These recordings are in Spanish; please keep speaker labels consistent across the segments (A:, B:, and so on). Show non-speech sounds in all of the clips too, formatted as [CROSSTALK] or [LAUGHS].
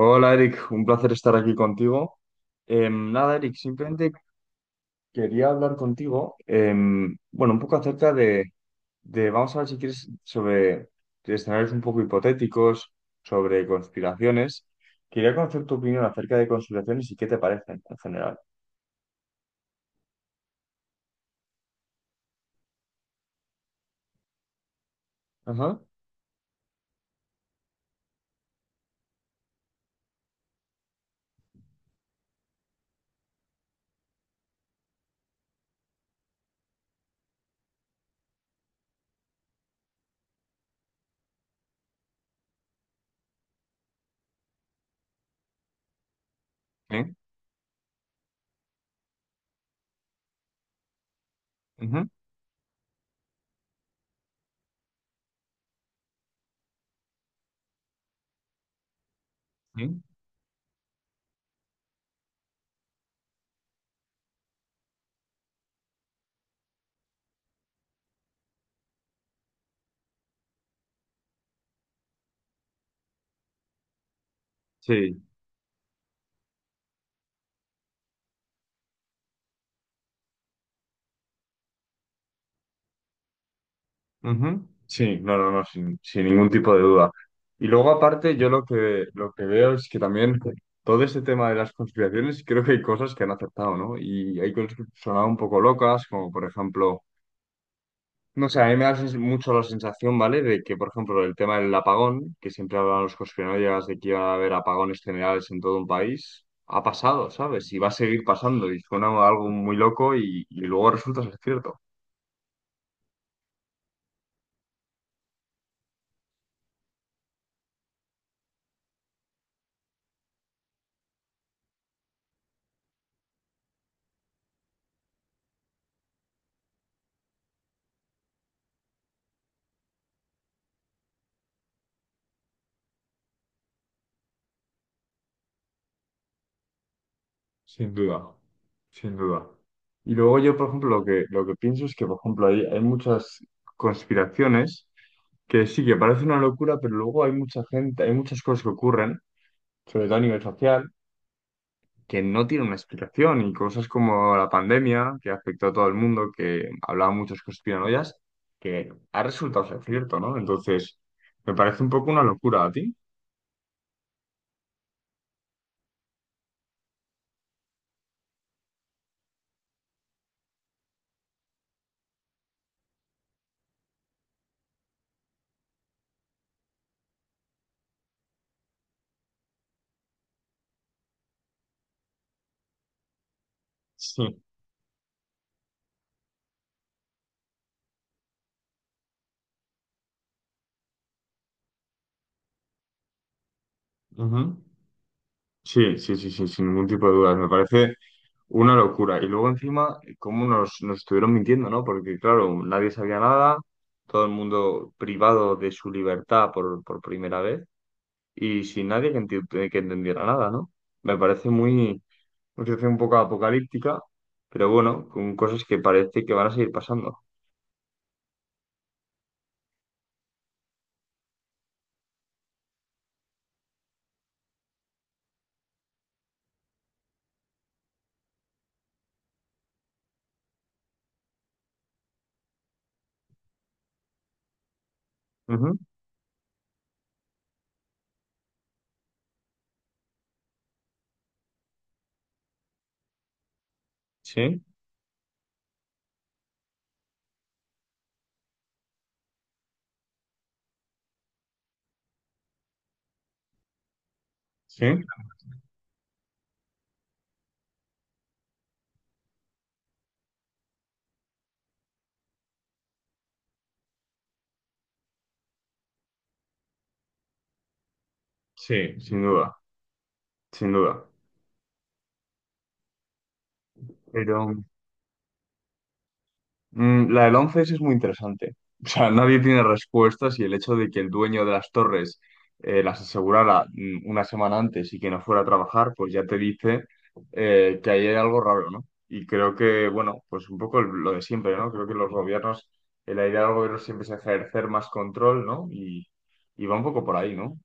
A: Hola Eric, un placer estar aquí contigo. Nada, Eric, simplemente quería hablar contigo, bueno, un poco acerca de, vamos a ver si quieres, sobre escenarios un poco hipotéticos, sobre conspiraciones. Quería conocer tu opinión acerca de conspiraciones y qué te parecen en general. Ajá. Sí, ujú, sí. Sí. Ujú. Sí, no, no, no, sin ningún tipo de duda. Y luego, aparte, yo lo que veo es que también todo este tema de las conspiraciones, creo que hay cosas que han acertado, ¿no? Y hay cosas que han sonado un poco locas, como por ejemplo, no sé, a mí me da sens- mucho la sensación, ¿vale? De que, por ejemplo, el tema del apagón, que siempre hablan los conspiranoicos de que iba a haber apagones generales en todo un país, ha pasado, ¿sabes? Y va a seguir pasando, y suena algo muy loco y luego resulta ser cierto. Sin duda, sin duda. Y luego yo, por ejemplo, lo que pienso es que, por ejemplo, hay muchas conspiraciones que sí que parece una locura, pero luego hay mucha gente, hay muchas cosas que ocurren, sobre todo a nivel social, que no tienen una explicación y cosas como la pandemia, que afectó a todo el mundo, que hablaba muchos conspiranoias, que ha resultado ser cierto, ¿no? Entonces, me parece un poco una locura a ti. Sí. Ujú. Sí, sí, sí, sí, sin ningún tipo de dudas. Me parece una locura. Y luego encima, cómo nos estuvieron mintiendo, ¿no? Porque claro, nadie sabía nada, todo el mundo privado de su libertad por primera vez y sin nadie que, enti- que entendiera nada, ¿no? Me parece muy, una situación un poco apocalíptica, pero bueno, con cosas que parece que van a seguir pasando. Ujú. Sí, sí, sí, sin duda, sin duda. Pero la del 11 es muy interesante. [LAUGHS] O sea, nadie tiene respuestas y el hecho de que el dueño de las torres las asegurara una semana antes y que no fuera a trabajar, pues ya te dice que ahí hay algo raro, ¿no? Y creo que, bueno, pues un poco el- lo de siempre, ¿no? Creo que los gobiernos, la idea del gobierno siempre es ejercer más control, ¿no? Y va un poco por ahí, ¿no?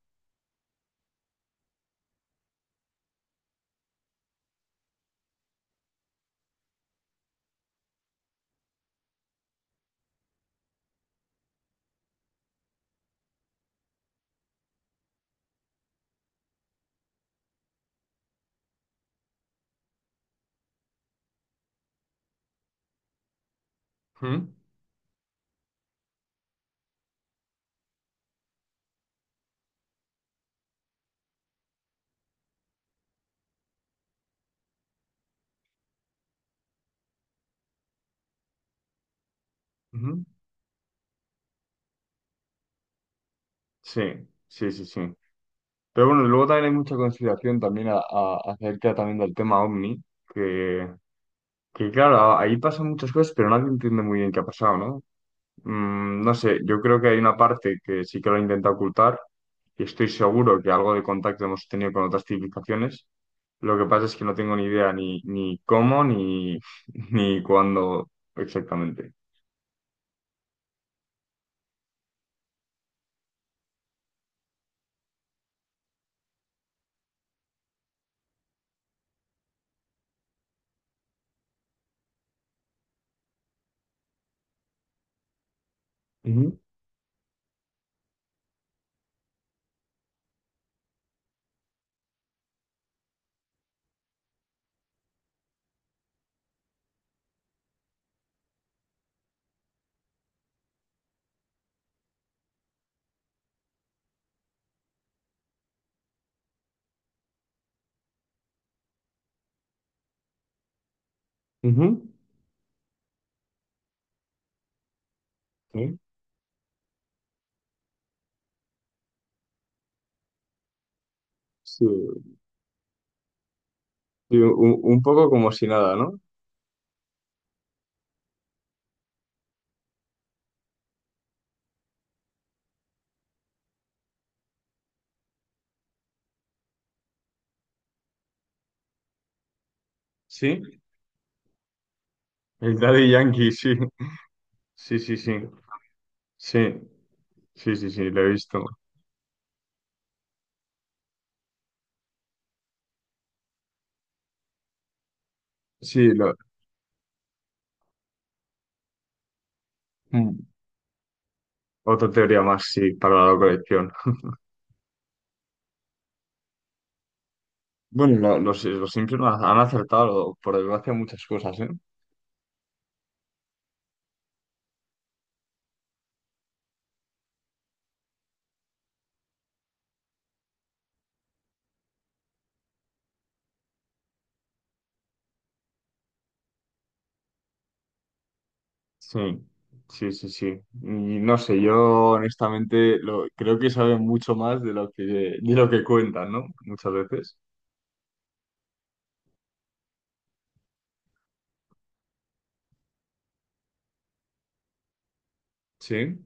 A: ¿Mm? Ujú. Sí, sí, sí, sí. Pero bueno, luego también hay mucha consideración también a- acerca también del tema OVNI, que claro, ahí pasan muchas cosas, pero nadie entiende muy bien qué ha pasado, ¿no? Mm, no sé, yo creo que hay una parte que sí que lo intenta ocultar y estoy seguro que algo de contacto hemos tenido con otras civilizaciones. Lo que pasa es que no tengo ni idea ni, ni cómo ni, [LAUGHS] ni cuándo exactamente. Ujú, ujú, sí, sí. Sí, un poco como si nada, ¿no? Sí, el Daddy Yankee, sí. Sí, sí, sí. Sí, sí, sí, sí, lo he visto. Sí, lo... Mm, otra teoría más, sí, para la colección. Bueno, lo- los Simpson han acertado, por desgracia, muchas cosas, ¿eh? Sí, sí, sí, sí. Y no sé, yo honestamente lo, creo que saben mucho más de lo que cuentan, ¿no? Muchas veces. Sí.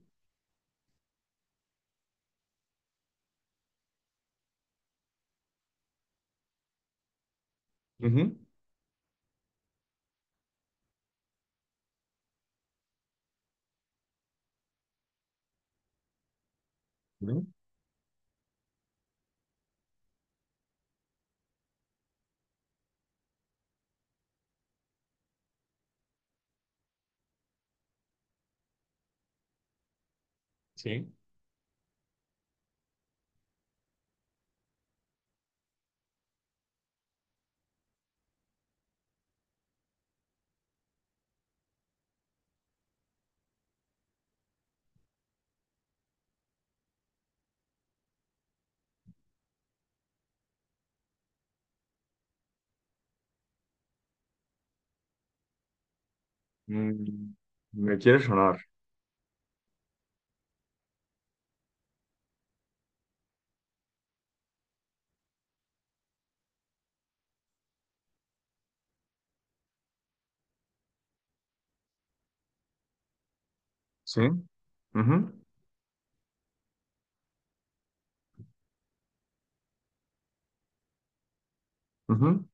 A: Ujú. Ujú. Sí. Mm, me quiere sonar. Sí. Ujú. Ujú.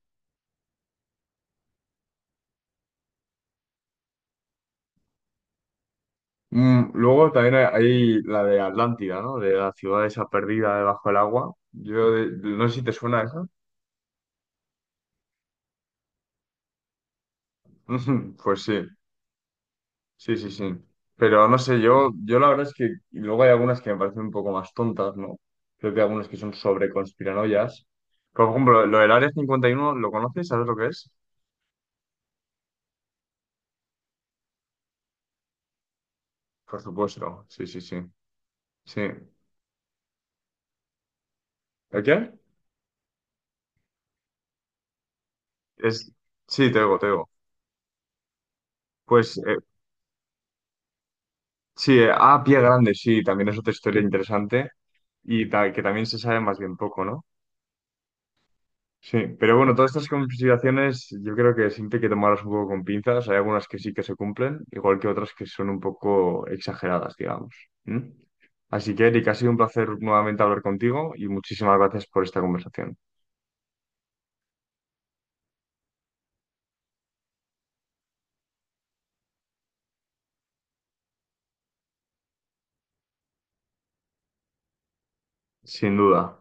A: Mm, luego también hay la de Atlántida, ¿no? De la ciudad esa perdida debajo del agua. Yo de- no sé si te suena esa. Ujú, pues sí, sí, sí, sí. Pero no sé, yo la verdad es que y luego hay algunas que me parecen un poco más tontas, ¿no? Creo que hay algunas que son sobre conspiranoias. Por ejemplo, lo del Área 51, ¿lo conoces? ¿Sabes lo que es? Por supuesto, sí, sí, sí. Sí. ¿El qué? Es... Sí, te digo, te digo. Pues sí, Pie Grande, sí, también es otra historia interesante y ta- que también se sabe más bien poco, ¿no? Sí, pero bueno, todas estas consideraciones yo creo que siempre hay que tomarlas un poco con pinzas. Hay algunas que sí que se cumplen, igual que otras que son un poco exageradas, digamos. ¿Mm? Así que, Eric, ha sido un placer nuevamente hablar contigo y muchísimas gracias por esta conversación. Sin duda.